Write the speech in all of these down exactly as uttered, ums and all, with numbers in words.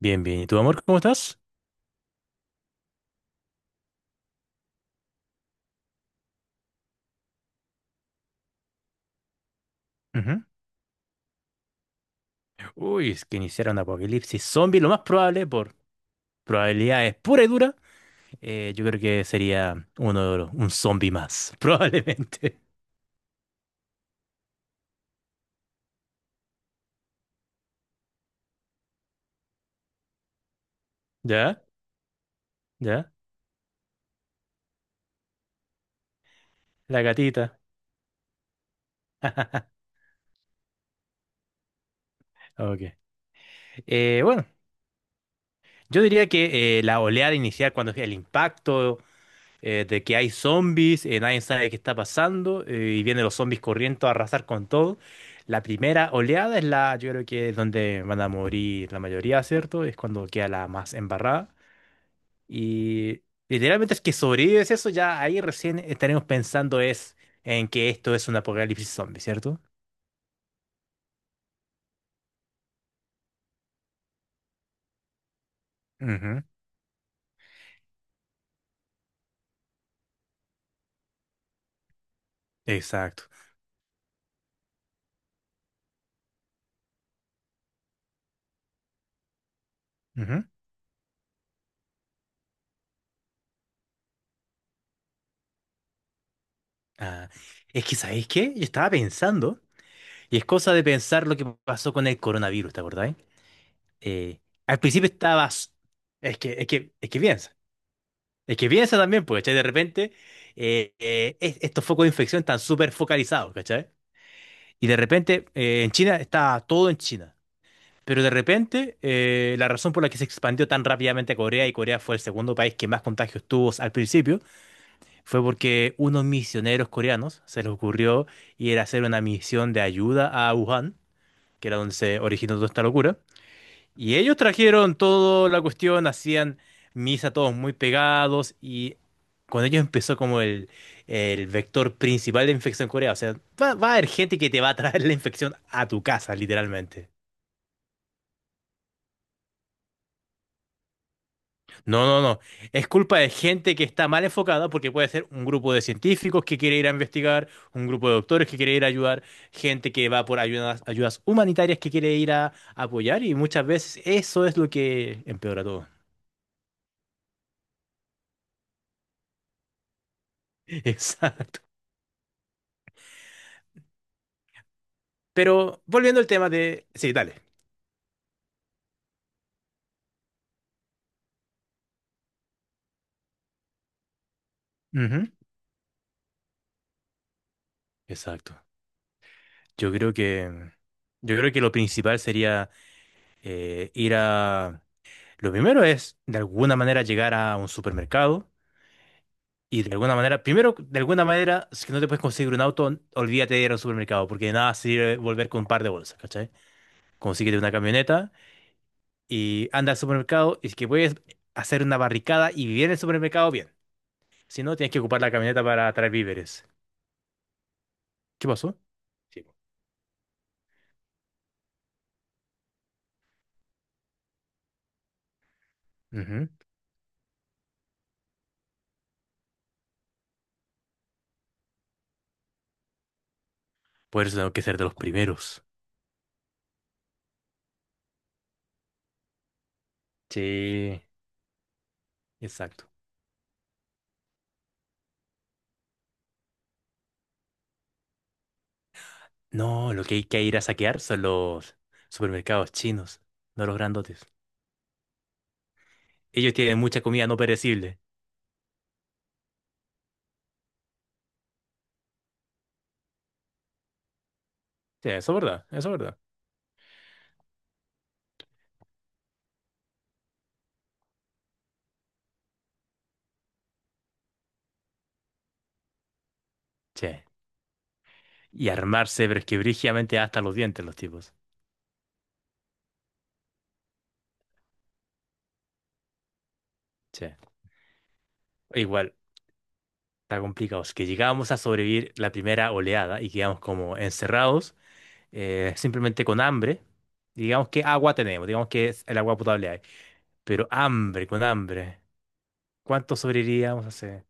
Bien, bien. ¿Y tu amor, cómo estás? Ujú. Uy, es que iniciar un apocalipsis zombie, lo más probable, por probabilidades pura y dura, eh, yo creo que sería uno de los- un zombie más, probablemente. ¿Ya? ¿Ya? La gatita. Ok. Eh, bueno, yo diría que eh, la oleada inicial, cuando el impacto. Eh, de que hay zombies, eh, nadie sabe qué está pasando, eh, y vienen los zombies corriendo a arrasar con todo. La primera oleada es la, yo creo que es donde van a morir la mayoría, ¿cierto? Es cuando queda la más embarrada. Y literalmente es que sobrevives eso, ya ahí recién estaremos pensando es en que esto es un apocalipsis zombie, ¿cierto? Ujú, exacto. Ujú. Ah, es que, ¿sabéis qué? Yo estaba pensando, y es cosa de pensar lo que pasó con el coronavirus, ¿te acordáis? eh, Al principio estabas, es que, es que, es que piensa, es que piensa también, porque, ¿cachai? De repente, eh, eh, es- estos focos de infección están súper focalizados, ¿cachai? Y de repente, eh, en China está todo en China. Pero de repente, eh, la razón por la que se expandió tan rápidamente a Corea, y Corea fue el segundo país que más contagios tuvo al principio, fue porque unos misioneros coreanos se les ocurrió ir a hacer una misión de ayuda a Wuhan, que era donde se originó toda esta locura. Y ellos trajeron toda la cuestión, hacían misa todos muy pegados y con ellos empezó como el, el vector principal de infección en Corea. O sea, va, va a haber gente que te va a traer la infección a tu casa, literalmente. No, no, no. Es culpa de gente que está mal enfocada porque puede ser un grupo de científicos que quiere ir a investigar, un grupo de doctores que quiere ir a ayudar, gente que va por ayudas, ayudas humanitarias que quiere ir a apoyar y muchas veces eso es lo que empeora todo. Exacto. Pero volviendo al tema de... Sí, dale. Ujú. Exacto. Yo creo que, yo creo que lo principal sería eh, ir a... Lo primero es, de alguna manera, llegar a un supermercado y de alguna manera, primero, de alguna manera, si no te puedes conseguir un auto, olvídate de ir al supermercado, porque de nada sirve volver con un par de bolsas, ¿cachai? Consíguete una camioneta y anda al supermercado y si que puedes hacer una barricada y vivir en el supermercado, bien. Si no, tienes que ocupar la camioneta para traer víveres. ¿Qué pasó? Sí. Por eso tengo que ser de los primeros. Sí, exacto. No, lo que hay que ir a saquear son los supermercados chinos, no los grandotes. Ellos tienen mucha comida no perecible. Sí, eso es verdad, eso es verdad. Che. Y armarse, pero es que brígidamente hasta los dientes los tipos. Che. Igual, está complicado. Es que llegábamos a sobrevivir la primera oleada y quedamos como encerrados, eh, simplemente con hambre. Digamos que agua tenemos, digamos que es el agua potable hay. Pero hambre, con hambre. ¿Cuánto sobreviviríamos hace?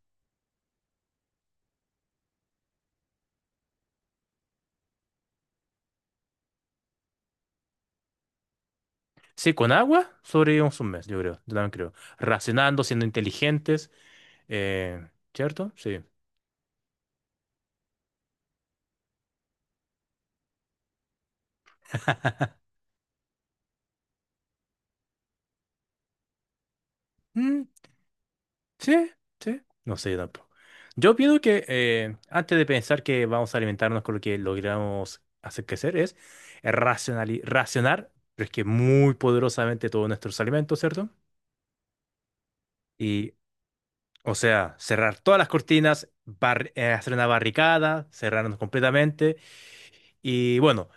Sí, con agua sobrevivimos un mes, yo creo. Yo también creo. Racionando, siendo inteligentes. eh, ¿Cierto? Sí. Mm, sí, sí. No sé yo tampoco. Yo opino que eh, antes de pensar que vamos a alimentarnos con lo que logramos hacer crecer, es racionali- racionar, pero es que muy poderosamente todos nuestros alimentos, ¿cierto? Y, o sea, cerrar todas las cortinas, barri- eh, hacer una barricada, cerrarnos completamente. Y bueno,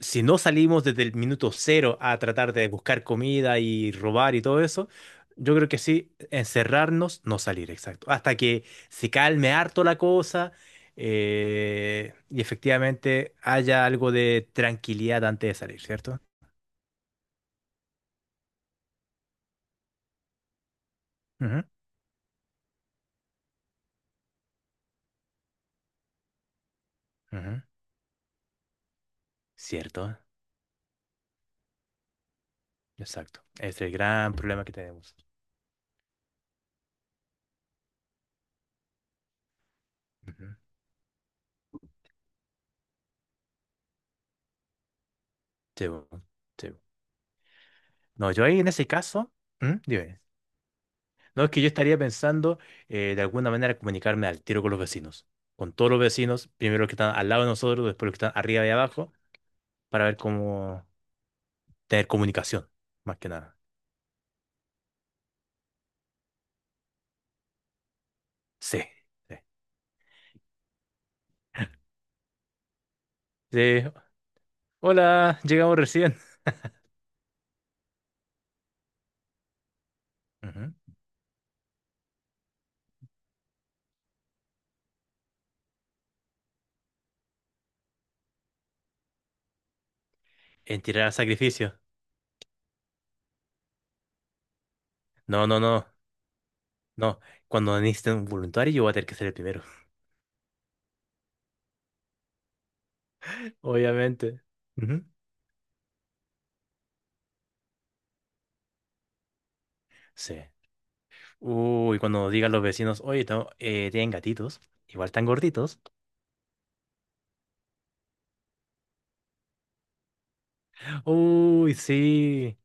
si no salimos desde el minuto cero a tratar de buscar comida y robar y todo eso, yo creo que sí, encerrarnos, no salir, exacto. Hasta que se calme harto la cosa eh, y efectivamente haya algo de tranquilidad antes de salir, cierto. Ujú, ujú, cierto, exacto. Es el gran problema que tenemos. Ujú, sí, bo- sí, bo. No, yo ahí en ese caso, ¿Mm? Dime. No, es que yo estaría pensando eh, de alguna manera comunicarme al tiro con los vecinos, con todos los vecinos, primero los que están al lado de nosotros, después los que están arriba y abajo, para ver cómo tener comunicación, más que nada. Sí, sí. Sí. Hola, llegamos recién. Ujú. En tirar a sacrificio. No, no, no, no. Cuando necesiten un voluntario, yo voy a tener que ser el primero. Obviamente. Ujú. Sí. Uy, cuando digan los vecinos, oye, tengo- eh, tienen gatitos, igual están gorditos. Uy, sí.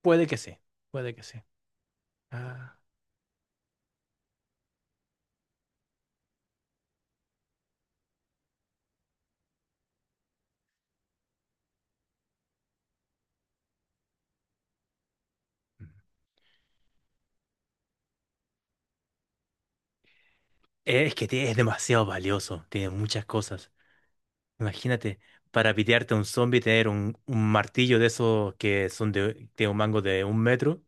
Puede que sí, puede que sí. Ah. Es que te- es demasiado valioso, tiene muchas cosas. Imagínate, para pitearte a un zombie, tener un, un martillo de esos que son de, de un mango de un metro.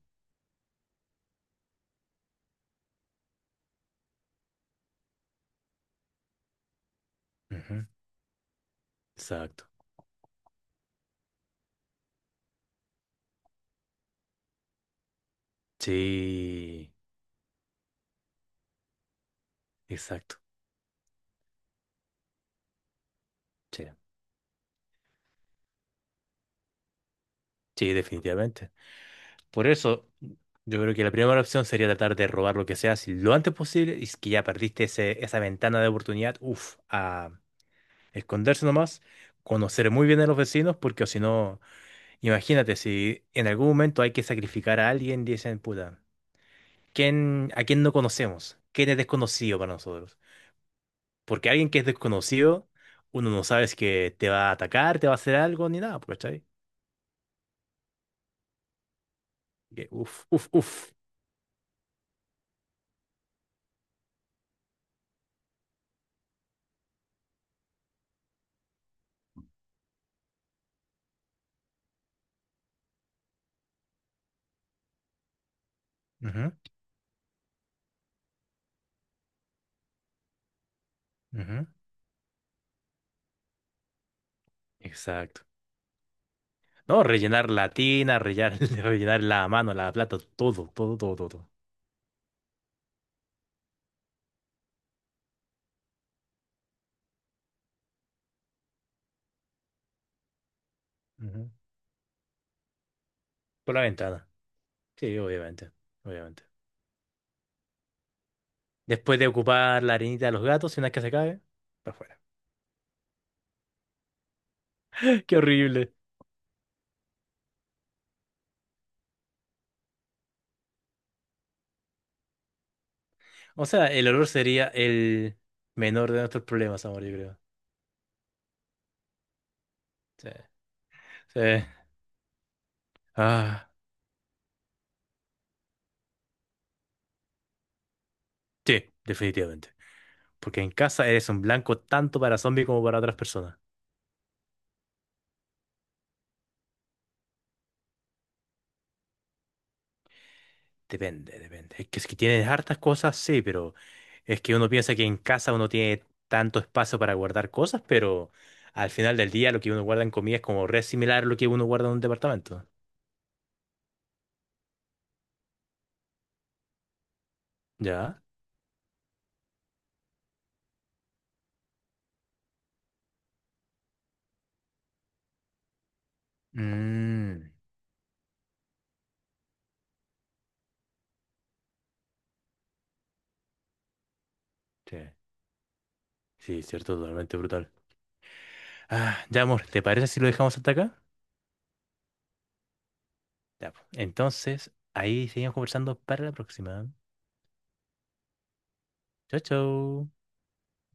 Ujú, exacto. Sí, exacto. Sí, sí, definitivamente. Por eso, yo creo que la primera opción sería tratar de robar lo que sea si lo antes posible. Y es que ya perdiste ese, esa ventana de oportunidad, uff, a esconderse nomás, conocer muy bien a los vecinos, porque o si no. Imagínate, si en algún momento hay que sacrificar a alguien, dicen, puta, ¿quién, a quién no conocemos? ¿Quién es desconocido para nosotros? Porque alguien que es desconocido, uno no sabe si que te va a atacar, te va a hacer algo, ni nada, pues, ¿cachai? Que, uf, uf, uf. Ujú, ujú. Exacto. No, rellenar la tina, rellenar, rellenar la mano, la plata, todo, todo, todo, todo, todo. Ujú. Por la ventana. Sí, obviamente, obviamente. Después de ocupar la arenita de los gatos, si una vez que se cae, para afuera. Qué horrible. O sea, el olor sería el menor de nuestros problemas, amor, yo creo. Sí. Sí. Ah, sí, definitivamente. Porque en casa eres un blanco tanto para zombies como para otras personas. Depende, depende. Es que si tienes hartas cosas, sí, pero es que uno piensa que en casa uno tiene tanto espacio para guardar cosas, pero al final del día lo que uno guarda en comida es como re similar a lo que uno guarda en un departamento. ¿Ya? Mm, sí, sí, cierto, totalmente brutal. Ah, ya, amor, ¿te parece si lo dejamos hasta acá? Ya, po. Entonces, ahí seguimos conversando para la próxima. Chau, chau.